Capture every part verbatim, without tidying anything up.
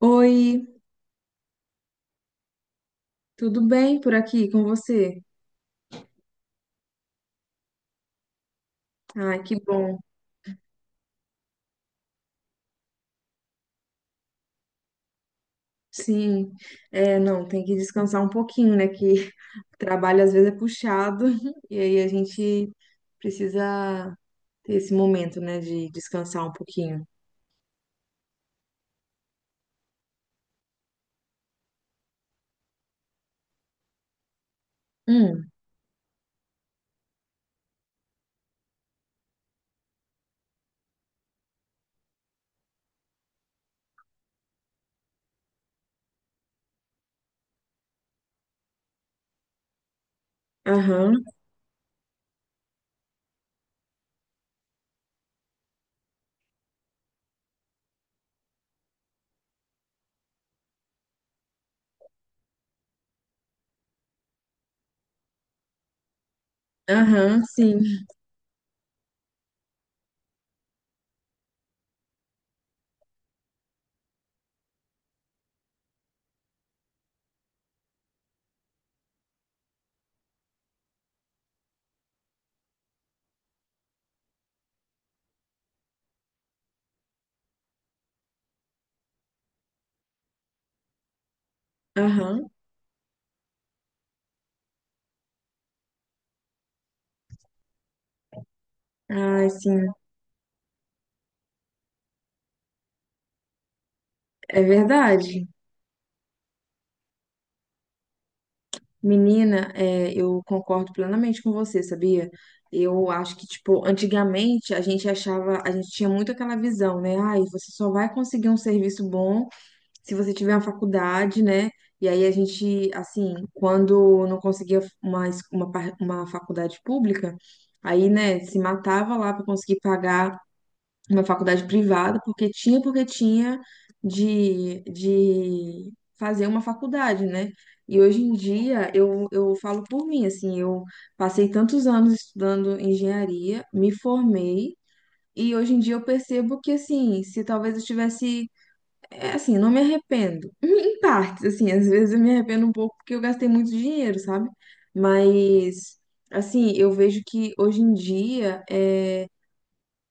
Oi, tudo bem por aqui com você? Ai, que bom. Sim, é, não, tem que descansar um pouquinho, né? Que o trabalho às vezes é puxado e aí a gente precisa ter esse momento, né, de descansar um pouquinho. Hum, aham, aham, sim, aham. Ai, sim, é verdade. Menina, é, eu concordo plenamente com você, sabia? Eu acho que, tipo, antigamente a gente achava, a gente tinha muito aquela visão, né? Ai, você só vai conseguir um serviço bom se você tiver uma faculdade, né? E aí a gente, assim, quando não conseguia uma, es- uma, par- uma faculdade pública, aí, né, se matava lá para conseguir pagar uma faculdade privada, porque tinha, porque tinha de, de fazer uma faculdade, né? E hoje em dia eu, eu falo por mim, assim, eu passei tantos anos estudando engenharia, me formei, e hoje em dia eu percebo que, assim, se talvez eu tivesse, é, assim, não me arrependo, em partes, assim, às vezes eu me arrependo um pouco porque eu gastei muito dinheiro, sabe? Mas, assim, eu vejo que hoje em dia, é,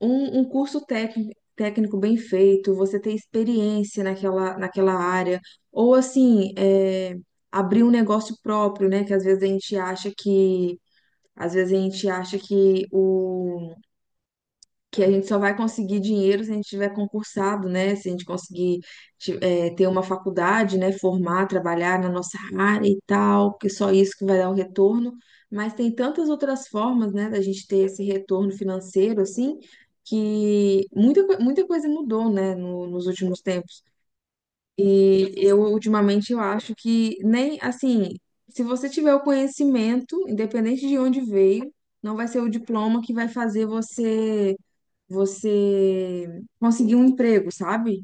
um, um curso técnico, técnico bem feito, você ter experiência naquela, naquela área, ou assim, é, abrir um negócio próprio, né? Que às vezes a gente acha que, às vezes a gente acha que o que a gente só vai conseguir dinheiro se a gente tiver concursado, né? Se a gente conseguir ti- eh, ter uma faculdade, né? Formar, trabalhar na nossa área e tal, que só isso que vai dar um retorno. Mas tem tantas outras formas, né, da gente ter esse retorno financeiro, assim, que muita, co- muita coisa mudou, né, no- nos últimos tempos. E eu, ultimamente, eu acho que nem, assim, se você tiver o conhecimento, independente de onde veio, não vai ser o diploma que vai fazer você você conseguir um emprego, sabe?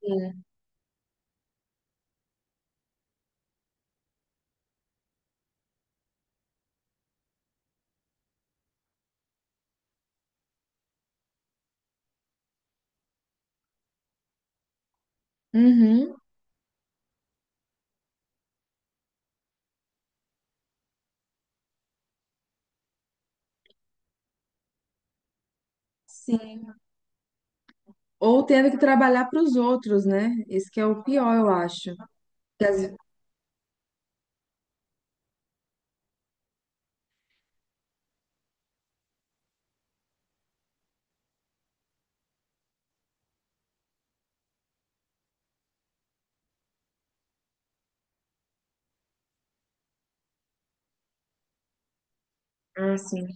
Sim. Uhum. Sim. Ou tendo que trabalhar para os outros, né? Esse que é o pior, eu acho. Que às- Ah, sim.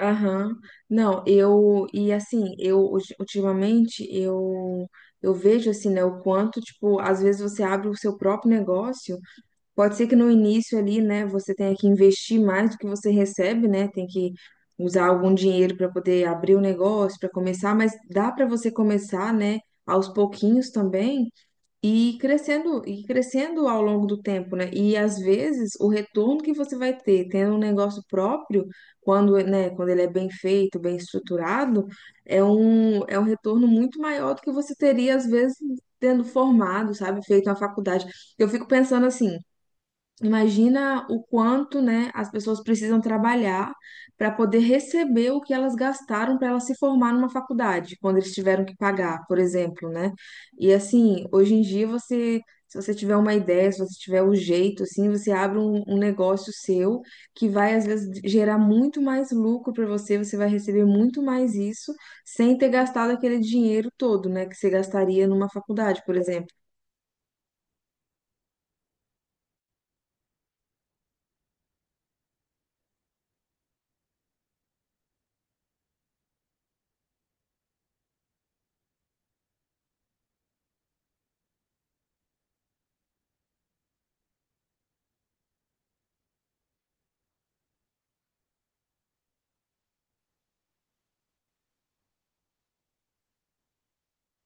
Aham. Não, eu e assim, eu ulti- ultimamente eu eu vejo assim, né, o quanto, tipo, às vezes você abre o seu próprio negócio. Pode ser que no início ali, né, você tenha que investir mais do que você recebe, né? Tem que usar algum dinheiro para poder abrir o negócio, para começar, mas dá para você começar, né, aos pouquinhos também e ir crescendo e ir crescendo ao longo do tempo, né? E às vezes o retorno que você vai ter tendo um negócio próprio, quando, né, quando ele é bem feito, bem estruturado, é um é um retorno muito maior do que você teria às vezes tendo formado, sabe, feito uma faculdade. Eu fico pensando assim, imagina o quanto, né, as pessoas precisam trabalhar para poder receber o que elas gastaram para elas se formar numa faculdade, quando eles tiveram que pagar, por exemplo, né? E assim, hoje em dia você, se você tiver uma ideia, se você tiver o jeito, assim, você abre um, um negócio seu que vai às vezes gerar muito mais lucro para você, você vai receber muito mais isso sem ter gastado aquele dinheiro todo, né, que você gastaria numa faculdade, por exemplo.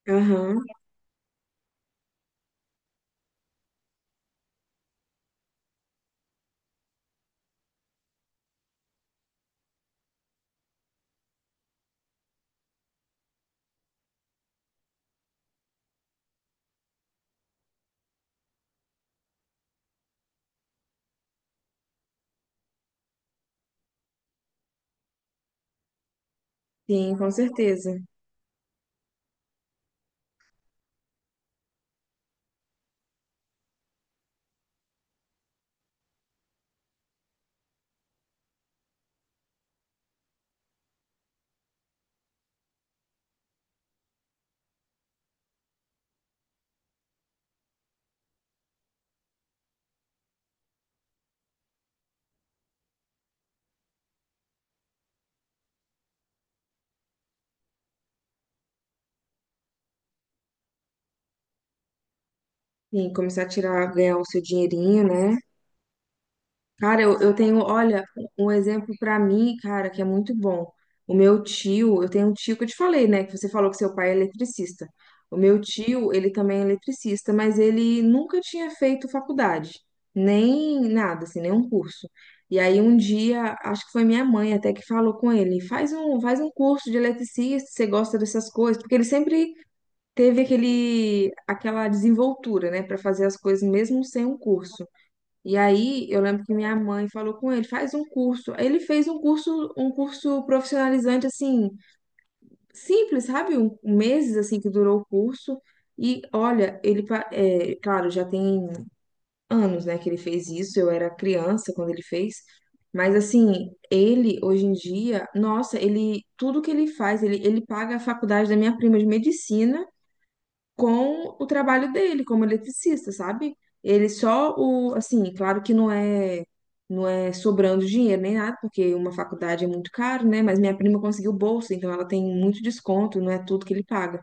Aham, sim, com certeza. Sim, começar a tirar, ganhar o seu dinheirinho, né? Cara, eu, eu tenho, olha, um exemplo pra mim, cara, que é muito bom. O meu tio, eu tenho um tio que eu te falei, né? Que você falou que seu pai é eletricista. O meu tio, ele também é eletricista, mas ele nunca tinha feito faculdade, nem nada, assim, nenhum curso. E aí um dia, acho que foi minha mãe até que falou com ele, faz um, faz um curso de eletricista, você gosta dessas coisas, porque ele sempre teve aquele aquela desenvoltura, né, para fazer as coisas mesmo sem um curso. E aí eu lembro que minha mãe falou com ele, faz um curso. Aí ele fez um curso, um curso profissionalizante assim, simples, sabe? Um, um meses assim que durou o curso. E olha, ele, pa- é, claro, já tem anos, né, que ele fez isso. Eu era criança quando ele fez. Mas assim, ele hoje em dia, nossa, ele tudo que ele faz, ele, ele paga a faculdade da minha prima de medicina com o trabalho dele como eletricista, sabe? Ele só o, assim, claro que não é não é sobrando dinheiro nem nada, porque uma faculdade é muito caro, né? Mas minha prima conseguiu bolsa, então ela tem muito desconto, não é tudo que ele paga.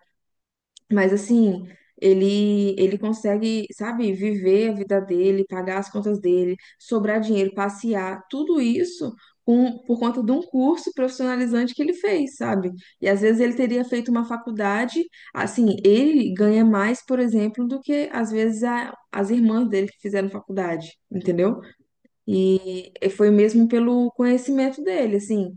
Mas assim, ele ele consegue, sabe, viver a vida dele, pagar as contas dele, sobrar dinheiro, passear, tudo isso com, por conta de um curso profissionalizante que ele fez, sabe? E às vezes ele teria feito uma faculdade, assim, ele ganha mais, por exemplo, do que às vezes a- as irmãs dele que fizeram faculdade, entendeu? E foi mesmo pelo conhecimento dele, assim.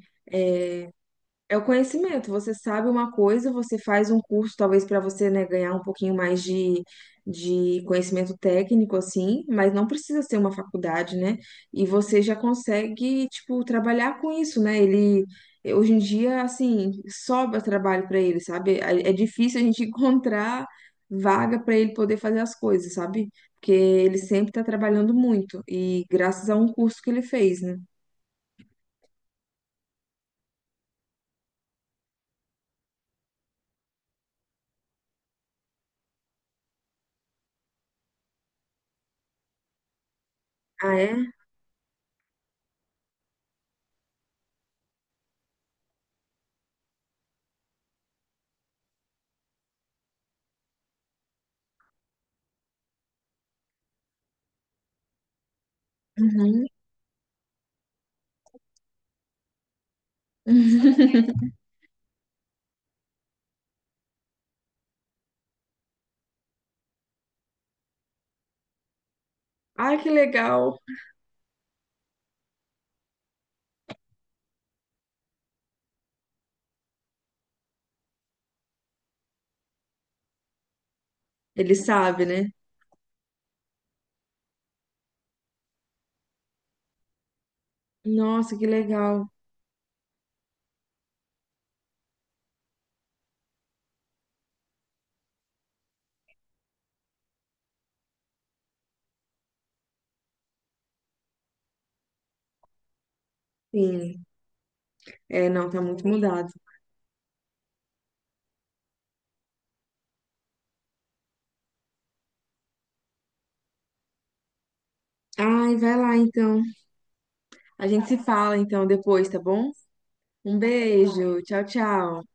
É o conhecimento. Você sabe uma coisa, você faz um curso, talvez para você, né, ganhar um pouquinho mais de, de conhecimento técnico, assim, mas não precisa ser uma faculdade, né? E você já consegue, tipo, trabalhar com isso, né? Ele, hoje em dia, assim, sobra trabalho para ele, sabe? É é difícil a gente encontrar vaga para ele poder fazer as coisas, sabe? Porque ele sempre está trabalhando muito, e graças a um curso que ele fez, né? Ah, é? Uhum. Ai, que legal! Ele sabe, né? Nossa, que legal. Sim, é, não, tá muito mudado. Ai, vai lá então. A gente se fala então depois, tá bom? Um beijo, tchau, tchau.